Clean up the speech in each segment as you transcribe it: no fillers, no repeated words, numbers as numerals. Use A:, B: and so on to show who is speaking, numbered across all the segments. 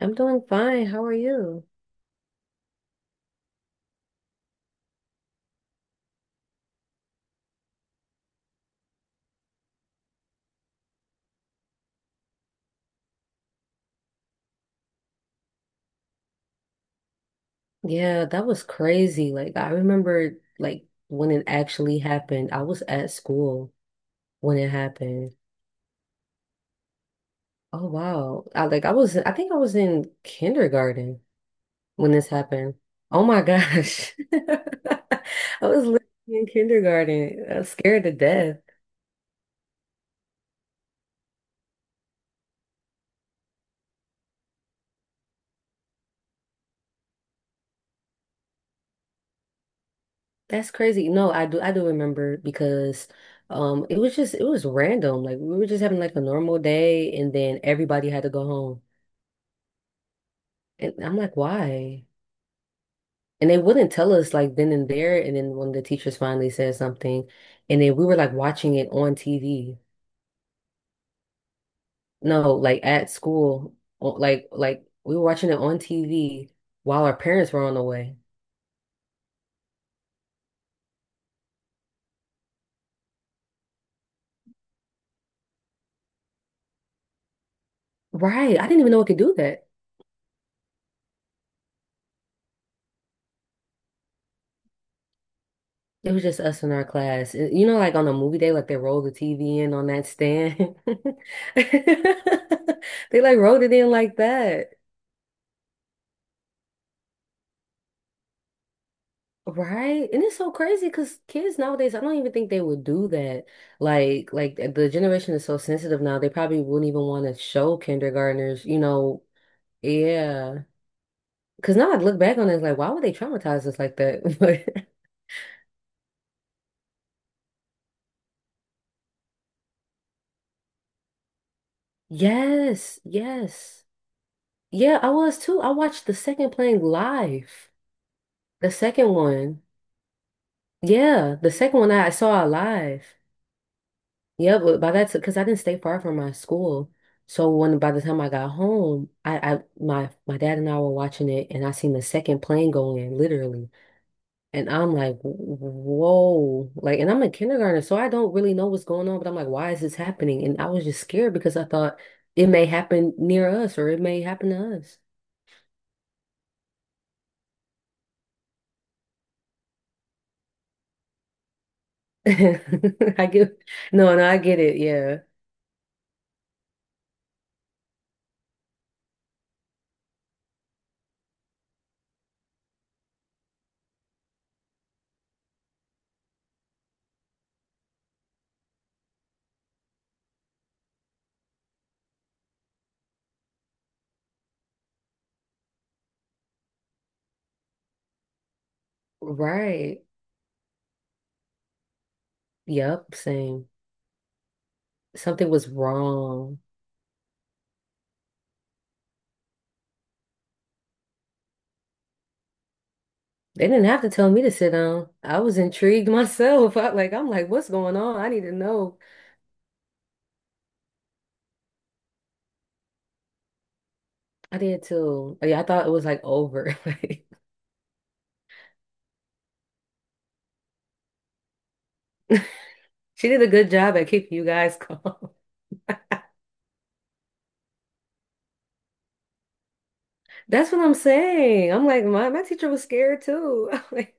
A: I'm doing fine. How are you? Yeah, that was crazy. I remember like when it actually happened. I was at school when it happened. Oh wow. I think I was in kindergarten when this happened. Oh my gosh. I was literally in kindergarten. I was scared to death. That's crazy. No, I do remember because it was random. Like we were just having like a normal day, and then everybody had to go home. And I'm like, why? And they wouldn't tell us like then and there. And then when the teachers finally said something, and then we were like watching it on TV. No, like at school, like we were watching it on TV while our parents were on the way. Right. I didn't even know it could do that. It was just us in our class. And, you know, like on a movie day, like they roll the TV in on that stand. They like rolled it in like that. Right? And it's so crazy because kids nowadays, I don't even think they would do that. Like eh, the generation is so sensitive now, they probably wouldn't even want to show kindergartners, you know, yeah. Because now I look back on it, it's like, why would they traumatize us like that? But yes, yes. Yeah, I was too. I watched the second playing live. The second one. Yeah, the second one I saw live. Yeah, but by that, because I didn't stay far from my school, so when by the time I got home, I my dad and I were watching it, and I seen the second plane go in, literally, and I'm like, whoa, like, and I'm in kindergarten, so I don't really know what's going on, but I'm like, why is this happening? And I was just scared because I thought it may happen near us or it may happen to us. I get, no, no, I get it. Yeah, right. Yep, same. Something was wrong. They didn't have to tell me to sit down. I was intrigued myself. I, like I'm like, what's going on? I need to know. I did too. Oh, yeah, I thought it was like over. Like she did a good job at keeping you guys calm. That's what I'm saying. I'm like, my teacher was scared too. I'm like,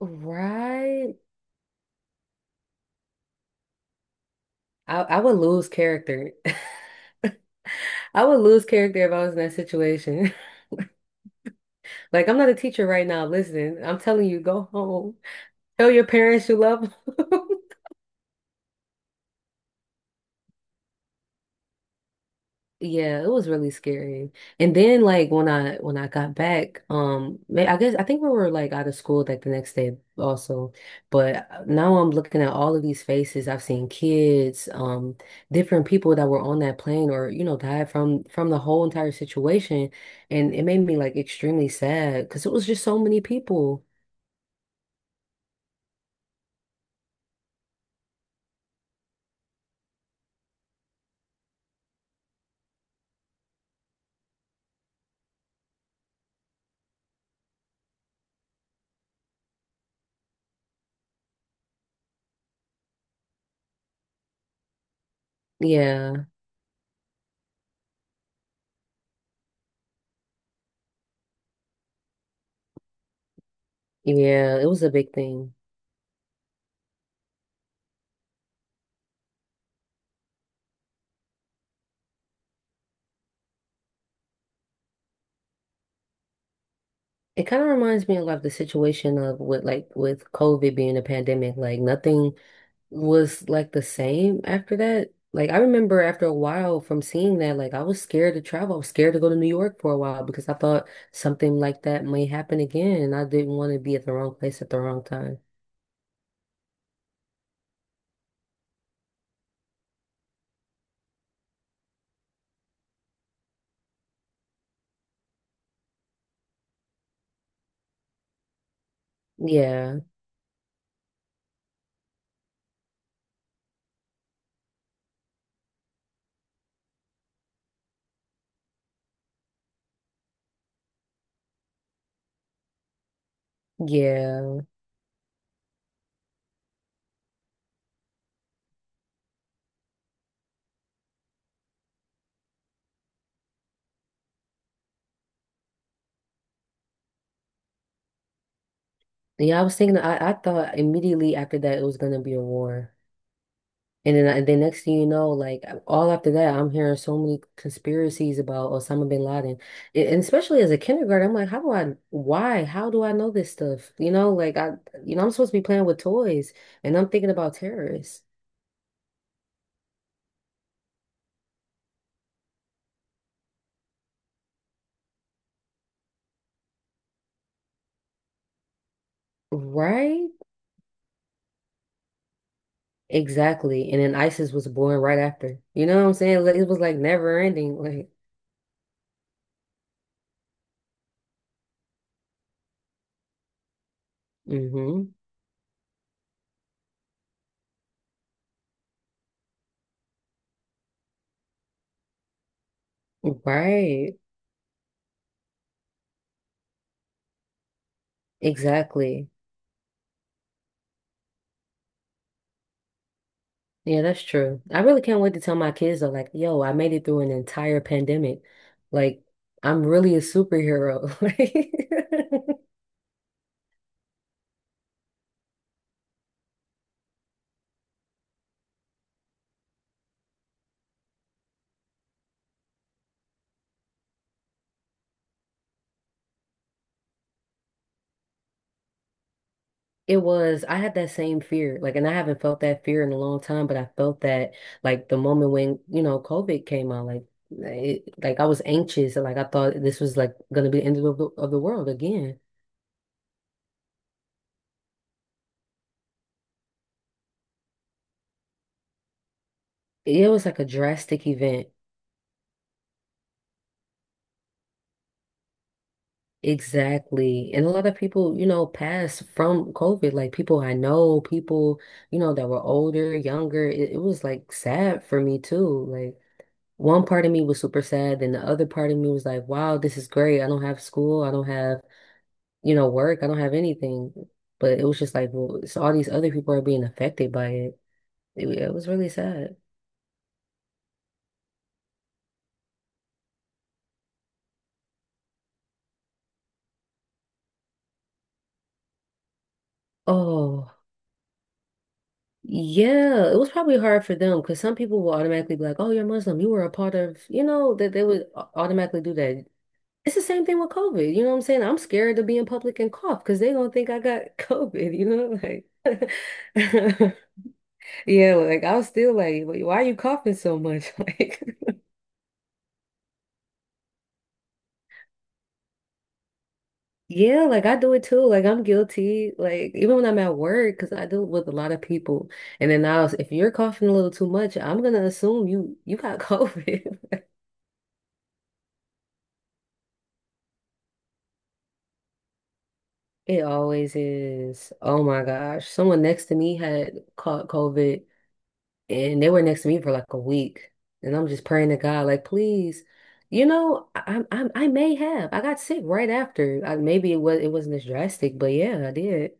A: right? I would lose character. I would lose character if I was in that situation. Like I'm not a teacher right now. Listen, I'm telling you, go home. Tell your parents you love them. Yeah, it was really scary. And then like when I got back, I guess I think we were like out of school like the next day also. But now I'm looking at all of these faces. I've seen kids, different people that were on that plane or, you know, died from the whole entire situation, and it made me like extremely sad because it was just so many people. Yeah. Yeah, it was a big thing. It kind of reminds me of like the situation of with like with COVID being a pandemic, like nothing was like the same after that. Like I remember after a while from seeing that, like I was scared to travel. I was scared to go to New York for a while because I thought something like that may happen again, and I didn't want to be at the wrong place at the wrong time. Yeah, yeah, yeah. I was thinking, I thought immediately after that it was gonna be a war. And then I, the next thing you know, like all after that, I'm hearing so many conspiracies about Osama bin Laden. A- And especially as a kindergarten, I'm like, how do I, why, how do I know this stuff? You know, like I, you know, I'm supposed to be playing with toys and I'm thinking about terrorists, right? Exactly. And then ISIS was born right after. You know what I'm saying? Like, it was like never ending. Like, mm-hmm. Right. Exactly. Yeah, that's true. I really can't wait to tell my kids though, like, yo, I made it through an entire pandemic. Like, I'm really a superhero. Like, it was, I had that same fear. Like, and I haven't felt that fear in a long time, but I felt that like the moment when, you know, COVID came out, like it, like I was anxious and like I thought this was like gonna be the end of the world again. It was like a drastic event. Exactly. And a lot of people, you know, passed from COVID. Like people I know, people, you know, that were older, younger. It was like sad for me too. Like one part of me was super sad, and the other part of me was like, wow, this is great. I don't have school. I don't have, you know, work. I don't have anything. But it was just like, well, so all these other people are being affected by it. It was really sad. Oh. Yeah, it was probably hard for them because some people will automatically be like, "Oh, you're Muslim. You were a part of," you know, that they would automatically do that. It's the same thing with COVID. You know what I'm saying? I'm scared to be in public and cough because they gonna think I got COVID. You know, like yeah, like I was still like, "Why are you coughing so much?" Like yeah, like I do it too. Like I'm guilty. Like even when I'm at work, because I deal with a lot of people, and then I was, if you're coughing a little too much, I'm gonna assume you got COVID. It always is. Oh my gosh. Someone next to me had caught COVID and they were next to me for like a week. And I'm just praying to God, like, please, you know, I may have. I got sick right after. I, maybe it was it wasn't as drastic, but yeah, I did.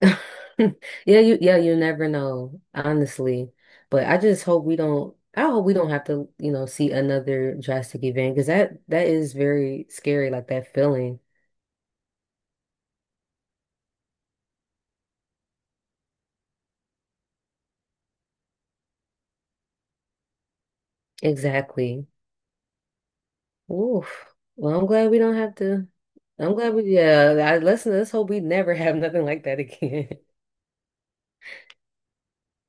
A: Yeah, you never know, honestly. But I just hope we don't, I hope we don't have to, you know, see another drastic event because that that is very scary, like that feeling. Exactly. Oof. Well, I'm glad we don't have to. I'm glad we, yeah, I, let's hope we never have nothing like that again.